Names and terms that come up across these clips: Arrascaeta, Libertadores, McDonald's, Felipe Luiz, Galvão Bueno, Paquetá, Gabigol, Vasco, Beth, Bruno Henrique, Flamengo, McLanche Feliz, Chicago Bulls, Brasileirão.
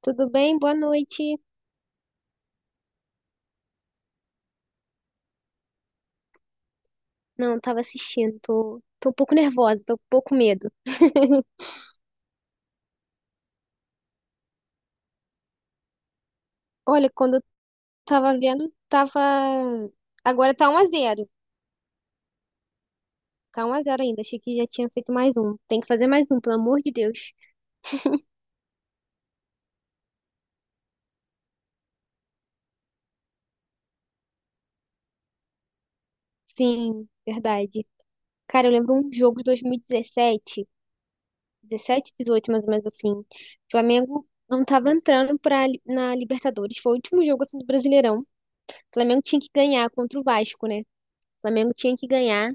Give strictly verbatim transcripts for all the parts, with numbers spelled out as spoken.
Tudo bem? Boa noite. Não, tava assistindo. Tô, tô um pouco nervosa, tô um pouco com medo. Olha, quando eu tava vendo, tava. Agora tá um a zero. Tá um a zero ainda. Achei que já tinha feito mais um. Tem que fazer mais um, pelo amor de Deus. Sim, verdade. Cara, eu lembro um jogo de dois mil e dezessete, dezessete, dezoito, mais ou menos assim. O Flamengo não tava entrando pra, li- na Libertadores. Foi o último jogo assim do Brasileirão. O Flamengo tinha que ganhar contra o Vasco, né? O Flamengo tinha que ganhar.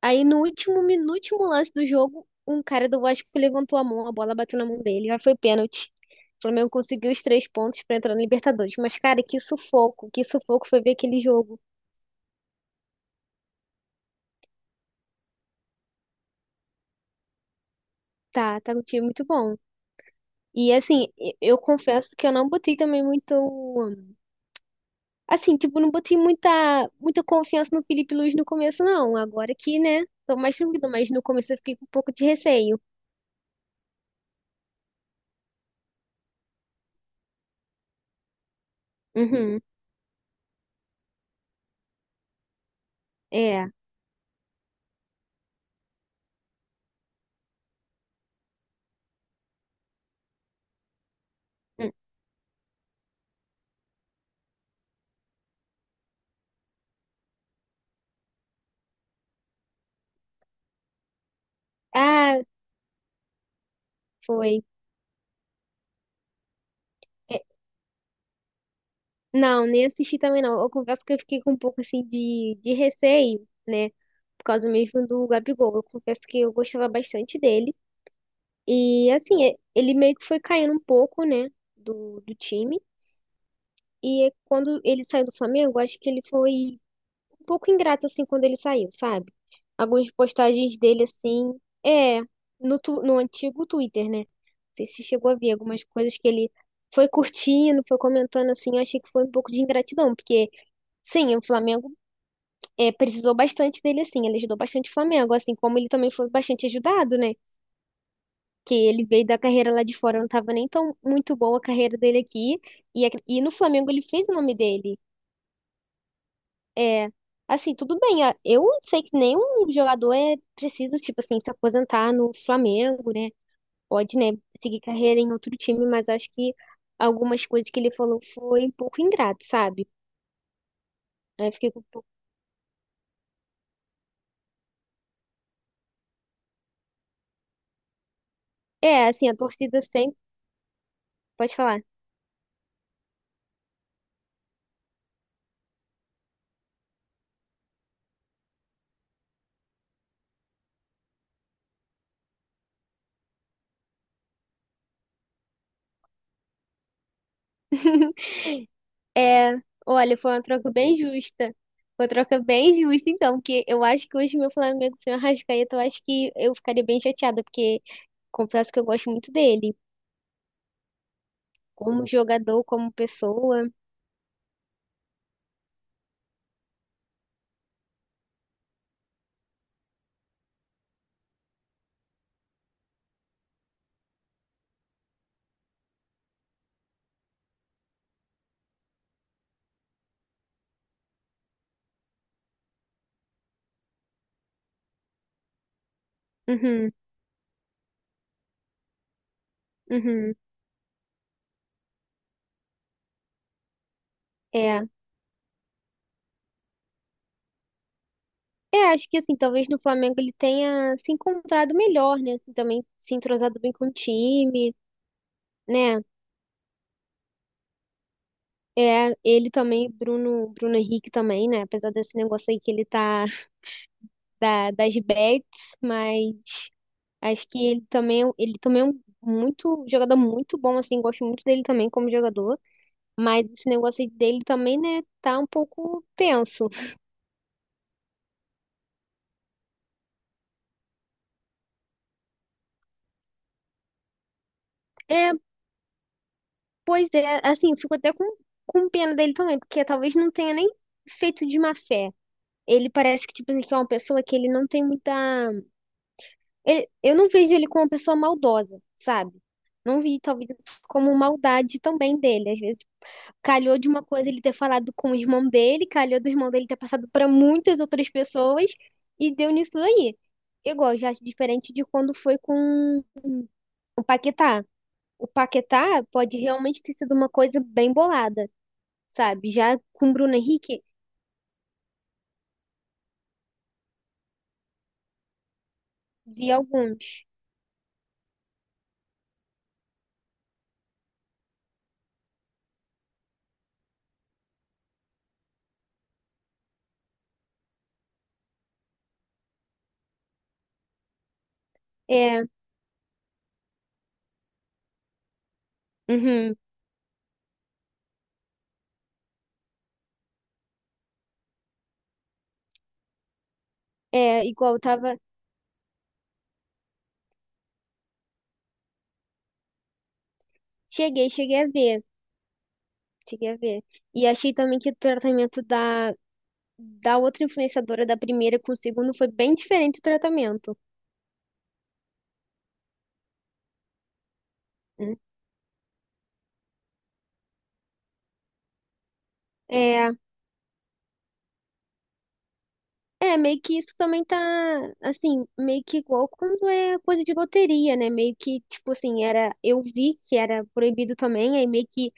Aí no último, min- no último lance do jogo, um cara do Vasco levantou a mão, a bola bateu na mão dele, aí foi pênalti. O Flamengo conseguiu os três pontos pra entrar na Libertadores. Mas, cara, que sufoco, que sufoco foi ver aquele jogo. Tá, tá um time muito bom. E assim, e- eu confesso que eu não botei também muito. Assim, tipo, não botei muita, muita confiança no Felipe Luiz no começo, não. Agora que, né? Tô mais tranquilo, mas no começo eu fiquei com um pouco de receio. Uhum, é. Hum. Ah, foi. Não, nem assisti também não. Eu confesso que eu fiquei com um pouco assim de, de receio, né? Por causa mesmo do Gabigol. Eu confesso que eu gostava bastante dele. E assim, é- ele meio que foi caindo um pouco, né? Do, do time. E é quando ele saiu do Flamengo, eu acho que ele foi um pouco ingrato, assim, quando ele saiu, sabe? Algumas postagens dele, assim, é, no, tu- no antigo Twitter, né? Não sei se chegou a ver algumas coisas que ele foi curtindo, foi comentando, assim, eu achei que foi um pouco de ingratidão, porque. Sim, o Flamengo é, precisou bastante dele, assim. Ele ajudou bastante o Flamengo, assim como ele também foi bastante ajudado, né? Que ele veio da carreira lá de fora, não estava nem tão muito boa a carreira dele aqui. E, ac- e no Flamengo ele fez o nome dele. É, assim, tudo bem. a- Eu sei que nenhum jogador é precisa, tipo assim, se aposentar no Flamengo, né? Pode, né, seguir carreira em outro time, mas acho que algumas coisas que ele falou foi um pouco ingrato, sabe? Aí eu fiquei com um pouco. É, assim, a torcida sempre. Pode falar. É, olha, foi uma troca bem justa. Foi uma troca bem justa, então, porque eu acho que hoje meu Flamengo sem o Arrascaeta, eu acho que eu ficaria bem chateada, porque confesso que eu gosto muito dele, como jogador, como pessoa. Uhum, uhum, é. É, acho que assim, talvez no Flamengo ele tenha se encontrado melhor, né? Assim, também se entrosado bem com o time, né? É, ele também, Bruno, Bruno Henrique também, né? Apesar desse negócio aí que ele tá da, das bets, mas. Acho que ele também, é um, ele também é um muito jogador muito bom, assim, gosto muito dele também como jogador, mas esse negócio dele também, né, tá um pouco tenso. É, pois é, assim, eu fico até com, com pena dele também, porque talvez não tenha nem feito de má fé. Ele parece que, tipo, que é uma pessoa que ele não tem muita. ele- eu não vejo ele como uma pessoa maldosa, sabe? Não vi, talvez, isso como maldade também dele. Às vezes calhou de uma coisa ele ter falado com o irmão dele, calhou do irmão dele ter passado para muitas outras pessoas e deu nisso aí. Igual, já acho diferente de quando foi com o Paquetá. O Paquetá pode realmente ter sido uma coisa bem bolada, sabe? Já com o Bruno Henrique, vi alguns. É, uhum, é igual, eu tava. Cheguei, cheguei a ver. Cheguei a ver. E achei também que o tratamento da, da outra influenciadora, da primeira com o segundo, foi bem diferente o tratamento. Né? É, é, meio que isso também tá, assim, meio que igual quando é coisa de loteria, né? Meio que, tipo assim, era, eu vi que era proibido também, aí meio que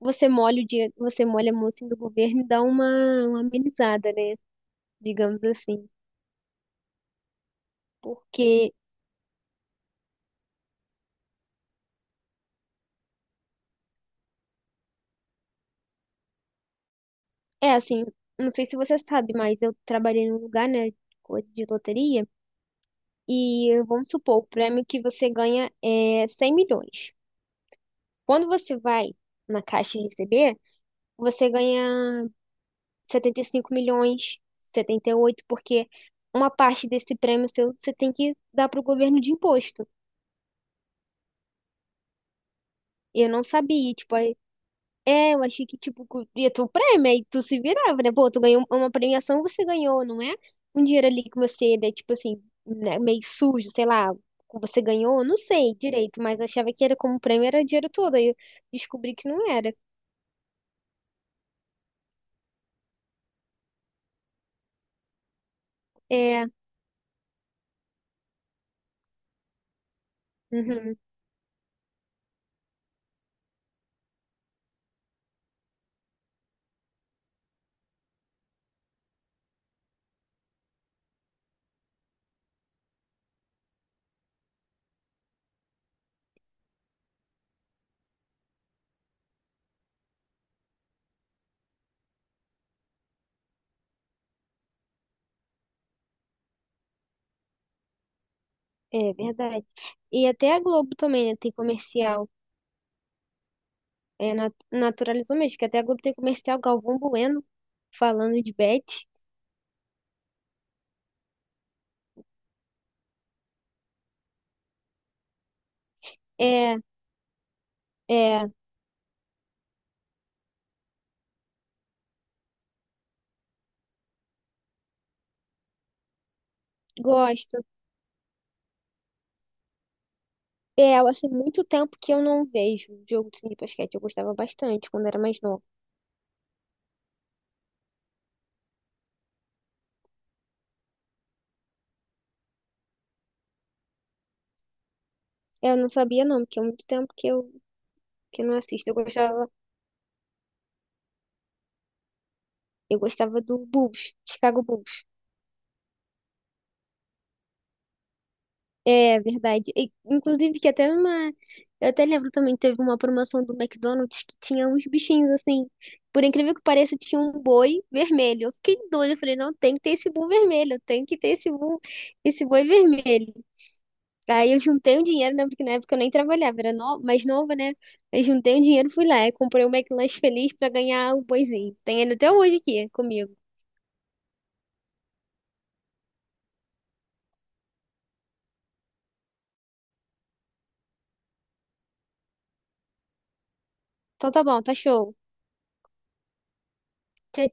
você molha o dinheiro, você molha a mão assim do governo e dá uma, uma amenizada, né? Digamos assim. Porque, é assim, não sei se você sabe, mas eu trabalhei num lugar, né, coisa de loteria, e vamos supor, o prêmio que você ganha é cem milhões. Quando você vai na caixa receber, você ganha. Setenta e cinco milhões, setenta e oito porque uma parte desse prêmio seu você tem que dar pro governo de imposto. E eu não sabia, tipo, aí, é, eu achei que, tipo, cu- ia ter um prêmio, aí tu se virava, né? Pô, tu ganhou um, uma premiação, você ganhou, não é? Um dinheiro ali que você, né, tipo assim, né, meio sujo, sei lá, que você ganhou, não sei direito, mas eu achava que era como prêmio, era dinheiro todo, aí eu descobri que não era. É, uhum, é verdade. E até a Globo também, né, tem comercial. É, na- naturalizou mesmo, que até a Globo tem comercial Galvão Bueno falando de Beth. É, é, gosto. É, assim, muito tempo que eu não vejo jogo de basquete. Eu gostava bastante quando era mais nova. É, eu não sabia não, porque é muito tempo que eu que eu não assisto. Eu gostava, eu gostava do Bulls, Chicago Bulls. É verdade. E, inclusive, que até uma. Eu até lembro também, teve uma promoção do McDonald's que tinha uns bichinhos assim. Por incrível que pareça, tinha um boi vermelho. Eu fiquei doida. Eu falei, não, tem que ter esse boi vermelho. Tem que ter esse boi, esse boi vermelho. Aí eu juntei um dinheiro, né? Porque na época eu nem trabalhava, era no... mais nova, né? Eu juntei um dinheiro, fui lá e comprei o um McLanche Feliz pra ganhar o boizinho. Tem ele até hoje aqui comigo. Então tá bom, tá show. Tchau,